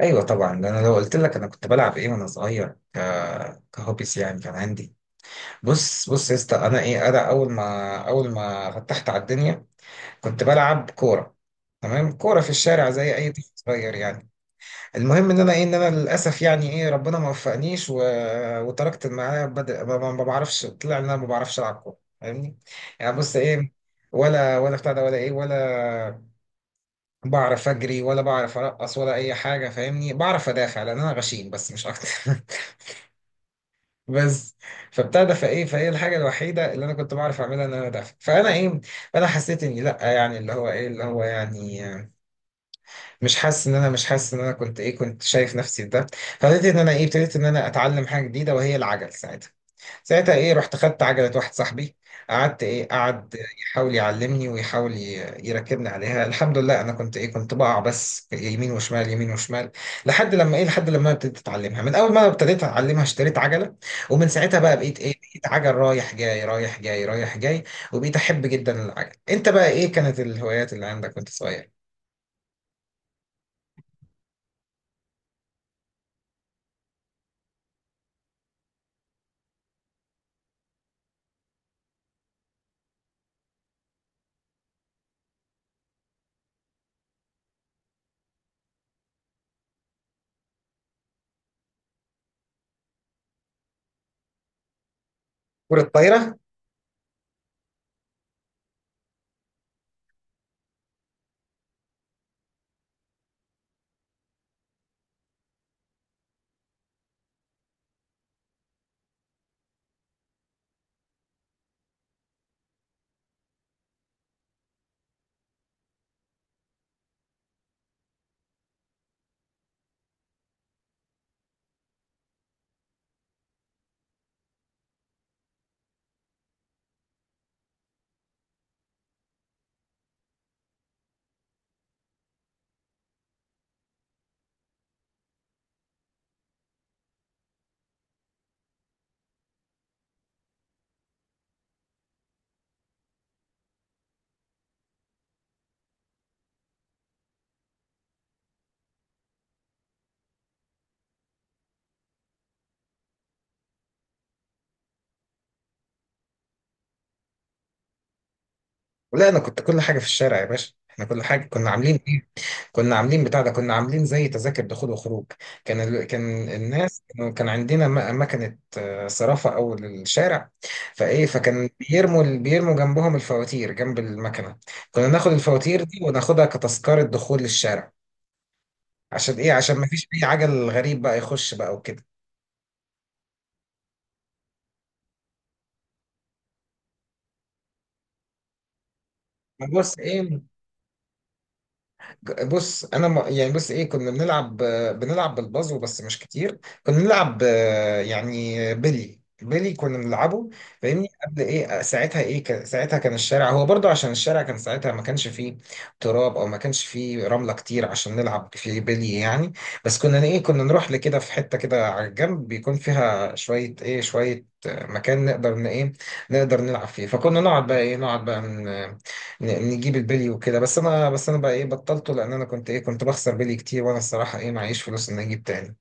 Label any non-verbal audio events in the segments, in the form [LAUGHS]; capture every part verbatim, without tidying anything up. ايوه طبعا. ده انا لو قلت لك انا كنت بلعب ايه وانا صغير ك... كهوبيس، يعني كان عندي. بص بص يا اسطى، انا ايه، انا اول ما اول ما فتحت على الدنيا كنت بلعب كوره. تمام، كوره في الشارع زي اي طفل صغير يعني. المهم ان انا ايه، ان انا للاسف يعني ايه، ربنا ما وفقنيش و... وتركت المعايا. بدأ ما ما- ما بعرفش، طلع ان انا ما بعرفش العب كوره. فاهمني؟ يعني بص ايه، ولا ولا بتاع ده، ولا ايه، ولا بعرف اجري، ولا بعرف ارقص، ولا اي حاجه. فاهمني؟ بعرف ادافع لان انا غشيم، بس مش اكتر. [LAUGHS] بس فابتدى فايه فايه الحاجه الوحيده اللي انا كنت بعرف اعملها ان انا ادافع. فانا ايه، فانا حسيت اني لا، يعني اللي هو ايه، اللي هو يعني مش حاسس ان انا مش حاسس ان انا كنت ايه، كنت شايف نفسي في ده. فابتديت ان انا ايه، ابتديت ان انا اتعلم حاجه جديده، وهي العجل. ساعتها ساعتها ايه، رحت خدت عجلة واحد صاحبي. قعدت ايه قعد يحاول يعلمني، ويحاول ي- يركبني عليها. الحمد لله، انا كنت ايه، كنت بقع بس يمين وشمال، يمين وشمال. لحد لما ايه، لحد لما أنا ابتديت اتعلمها. من اول ما أنا ابتديت اتعلمها، اشتريت عجلة. ومن ساعتها بقى، بقيت ايه، بقيت عجل رايح جاي، رايح جاي، رايح جاي. وبقيت احب جدا العجل. انت بقى ايه كانت الهوايات اللي عندك وانت صغير؟ كرة طايرة؟ ولا انا كنت كل حاجة في الشارع يا باشا. احنا كل حاجة كنا عاملين إيه؟ كنا عاملين بتاع ده، كنا عاملين زي تذاكر دخول وخروج. كان ال... كان الناس كانوا- كان عندنا م- مكنة صرافة أول الشارع. فإيه، فكان بيرموا ال- بيرموا جنبهم الفواتير جنب المكنة. كنا ناخد الفواتير دي وناخدها كتذكرة دخول للشارع. عشان إيه؟ عشان ما فيش أي عجل غريب بقى يخش بقى وكده. بص إيه، بص انا ما- يعني بص ايه، كنا بنلعب، بنلعب بالبازو بس مش كتير. كنا بنلعب آه، يعني بيلي بيلي كنا بنلعبه. فاهمني؟ قبل ايه، ساعتها ايه، كان- ساعتها كان الشارع هو برضو، عشان الشارع كان ساعتها ما كانش فيه تراب، او ما كانش فيه رملة كتير عشان نلعب فيه بيلي يعني. بس كنا ايه، كنا نروح لكده في حتة كده على الجنب بيكون فيها شوية ايه، شوية آه، مكان نقدر ن- ايه، نقدر نلعب فيه. فكنا نقعد بقى ايه، نقعد بقى ن- نجيب البلي وكده. بس انا بس انا بقى ايه، بطلته لان انا كنت ايه، كنت بخسر بلي كتير، وانا الصراحه ايه، معيش فلوس ان اجيب تاني.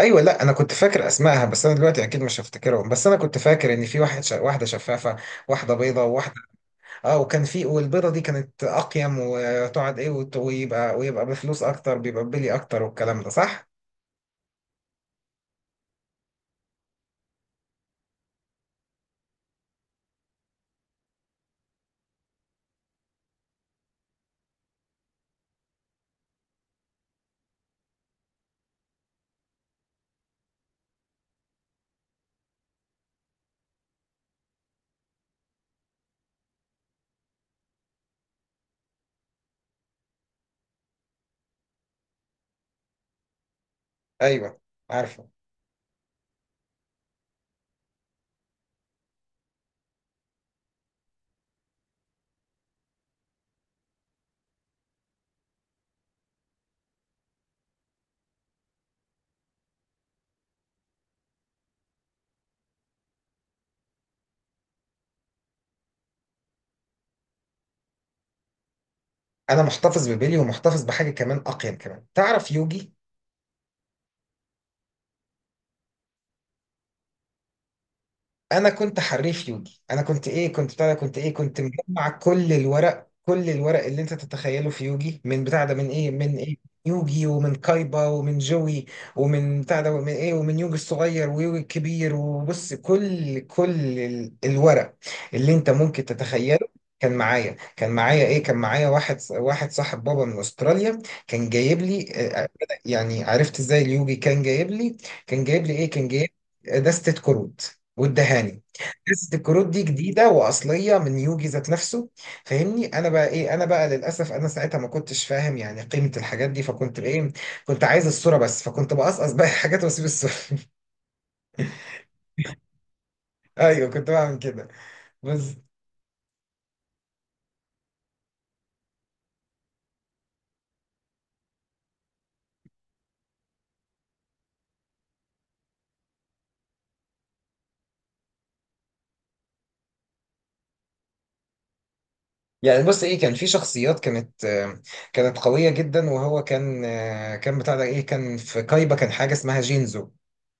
ايوه لا، انا كنت فاكر اسمائها، بس انا دلوقتي اكيد مش هفتكرهم. بس انا كنت فاكر ان في واحد ش... واحده شفافه، واحده بيضه، وواحده اه. وكان في، والبيضه دي كانت اقيم، وتقعد ايه، وت... ويبقى ويبقى بفلوس اكتر، بيبقى بلي اكتر، والكلام ده صح. ايوه عارفه. انا محتفظ ببلي، ومحتفظ بحاجه كمان اقيم كمان، تعرف يوجي. انا كنت حريف يوجي، انا كنت ايه، كنت بتاع ده، كنت ايه، كنت مجمع كل الورق، كل الورق اللي انت تتخيله في يوجي، من بتاع ده، من ايه من ايه يوجي، ومن كايبا، ومن جوي، ومن بتاع ده، ومن ايه، ومن يوجي الصغير ويوجي الكبير. وبص، كل كل ال- الورق اللي انت ممكن تتخيله كان معايا. كان معايا ايه كان معايا واحد واحد صاحب بابا من استراليا كان جايب لي آه، آه، يعني، عرفت ازاي اليوجي؟ كان جايب لي، كان جايب لي ايه كان جايب لي دستة كروت والدهاني، قصه الكروت دي جديده واصليه من يوجي ذات نفسه. فاهمني؟ انا بقى ايه، انا بقى للاسف انا ساعتها ما كنتش فاهم يعني قيمه الحاجات دي. فكنت ايه، كنت عايز الصوره بس، فكنت بقصقص بقى [LAUGHS] الحاجات واسيب الصوره. [LAUGHS] ايوه كنت بعمل كده، بس. يعني بص ايه، كان في شخصيات كانت آه، كانت قوية جدا. وهو كان آه، كان بتاع ده ايه، كان في كايبا كان حاجة اسمها جينزو،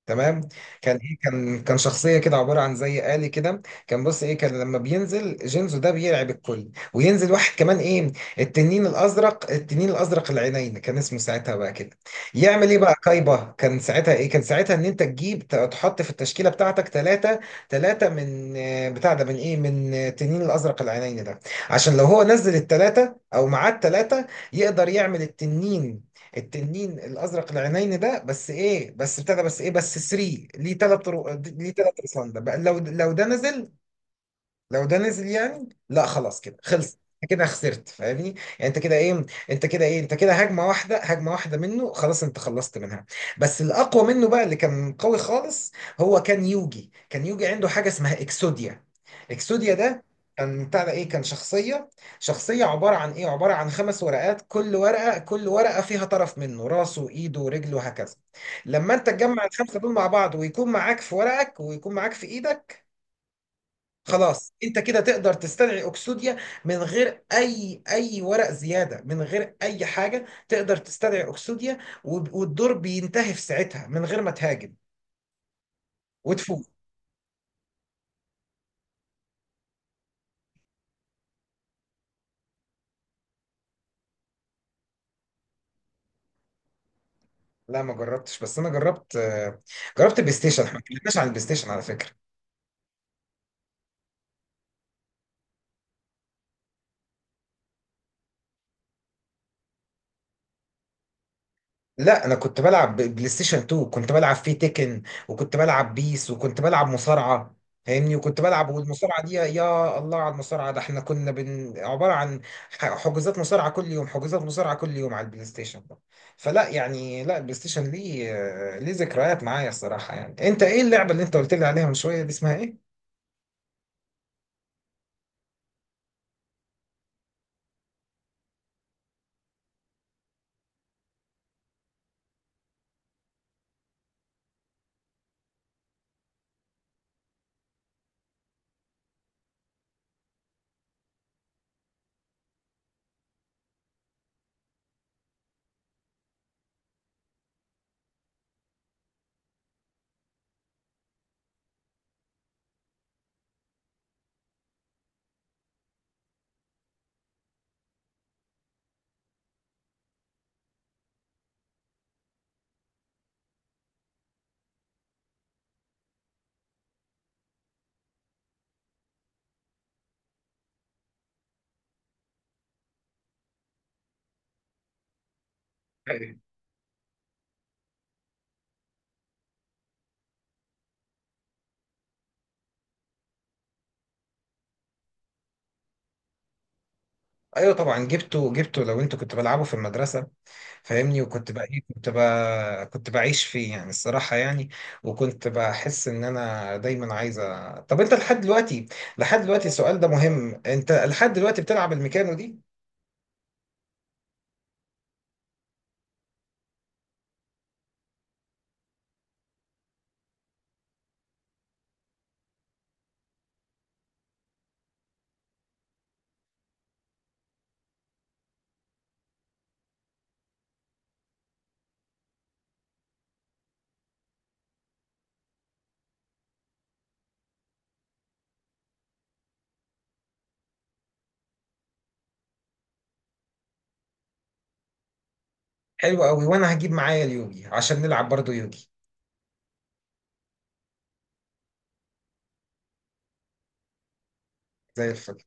تمام. كان ايه، كان كان شخصيه كده عباره عن زي آلي كده. كان بص ايه، كان لما بينزل جينزو ده بيرعب الكل، وينزل واحد كمان ايه، التنين الازرق، التنين الازرق العينين كان اسمه ساعتها بقى كده. يعمل ايه بقى كايبا؟ كان ساعتها ايه، كان ساعتها ان انت تجيب ت- تحط في التشكيله بتاعتك ثلاثه، ثلاثه من آه، بتاع ده، من ايه، من آه، التنين الازرق العينين ده. عشان لو هو نزل الثلاثه، او معاه الثلاثه، يقدر يعمل التنين، التنين الازرق العينين ده. بس ايه، بس ابتدى، بس ايه، بس تلاته. ليه ثلاث؟ ليه ثلاث رسام ده بقى؟ لو لو ده نزل، لو ده نزل يعني لا، خلاص كده خلص، انت كده خسرت. فاهمني؟ يعني انت كده ايه انت كده ايه انت كده هجمه واحده، هجمه واحده منه خلاص، انت خلصت منها. بس الاقوى منه بقى، اللي كان قوي خالص، هو كان يوجي، كان يوجي عنده حاجه اسمها اكسوديا. اكسوديا ده كان بتاع ده ايه، كان شخصيه، شخصيه عباره عن ايه، عباره عن خمس ورقات، كل ورقه، كل ورقه فيها طرف منه، راسه وايده ورجله وهكذا. لما انت تجمع الخمسه دول مع بعض، ويكون معاك في ورقك، ويكون معاك في ايدك، خلاص انت كده تقدر تستدعي اكسوديا، من غير اي اي ورق زياده، من غير اي حاجه تقدر تستدعي اكسوديا. وب- والدور بينتهي في ساعتها من غير ما تهاجم، وتفوز. لا ما جربتش. بس انا جربت آه، جربت بلاي ستيشن. احنا ما اتكلمناش عن البلاي ستيشن على فكره. لا انا كنت بلعب بلاي ستيشن اتنين، كنت بلعب فيه تيكن، وكنت بلعب بيس، وكنت بلعب مصارعه. فاهمني؟ وكنت بلعب، والمصارعه دي يا الله على المصارعه، ده احنا كنا بن... عباره عن ح- حجوزات مصارعه كل يوم، حجوزات مصارعه كل يوم على البلاي ستيشن ده. فلا يعني، لا البلاي ستيشن ليه، ليه ذكريات معايا الصراحه. يعني انت ايه اللعبه اللي انت قلت لي عليها من شويه دي اسمها ايه؟ ايوه ايوه طبعا جبته، جبته لو انت كنت بلعبه في المدرسه. فاهمني؟ وكنت بقى ايه، كنت بقى كنت بعيش فيه يعني الصراحة يعني. وكنت بحس ان انا دايما عايز أ- طب انت لحد دلوقتي، لحد دلوقتي السؤال ده مهم، انت لحد دلوقتي بتلعب الميكانو دي؟ حلو قوي. وانا هجيب معايا اليوجي عشان نلعب برضو يوجي. زي الفل.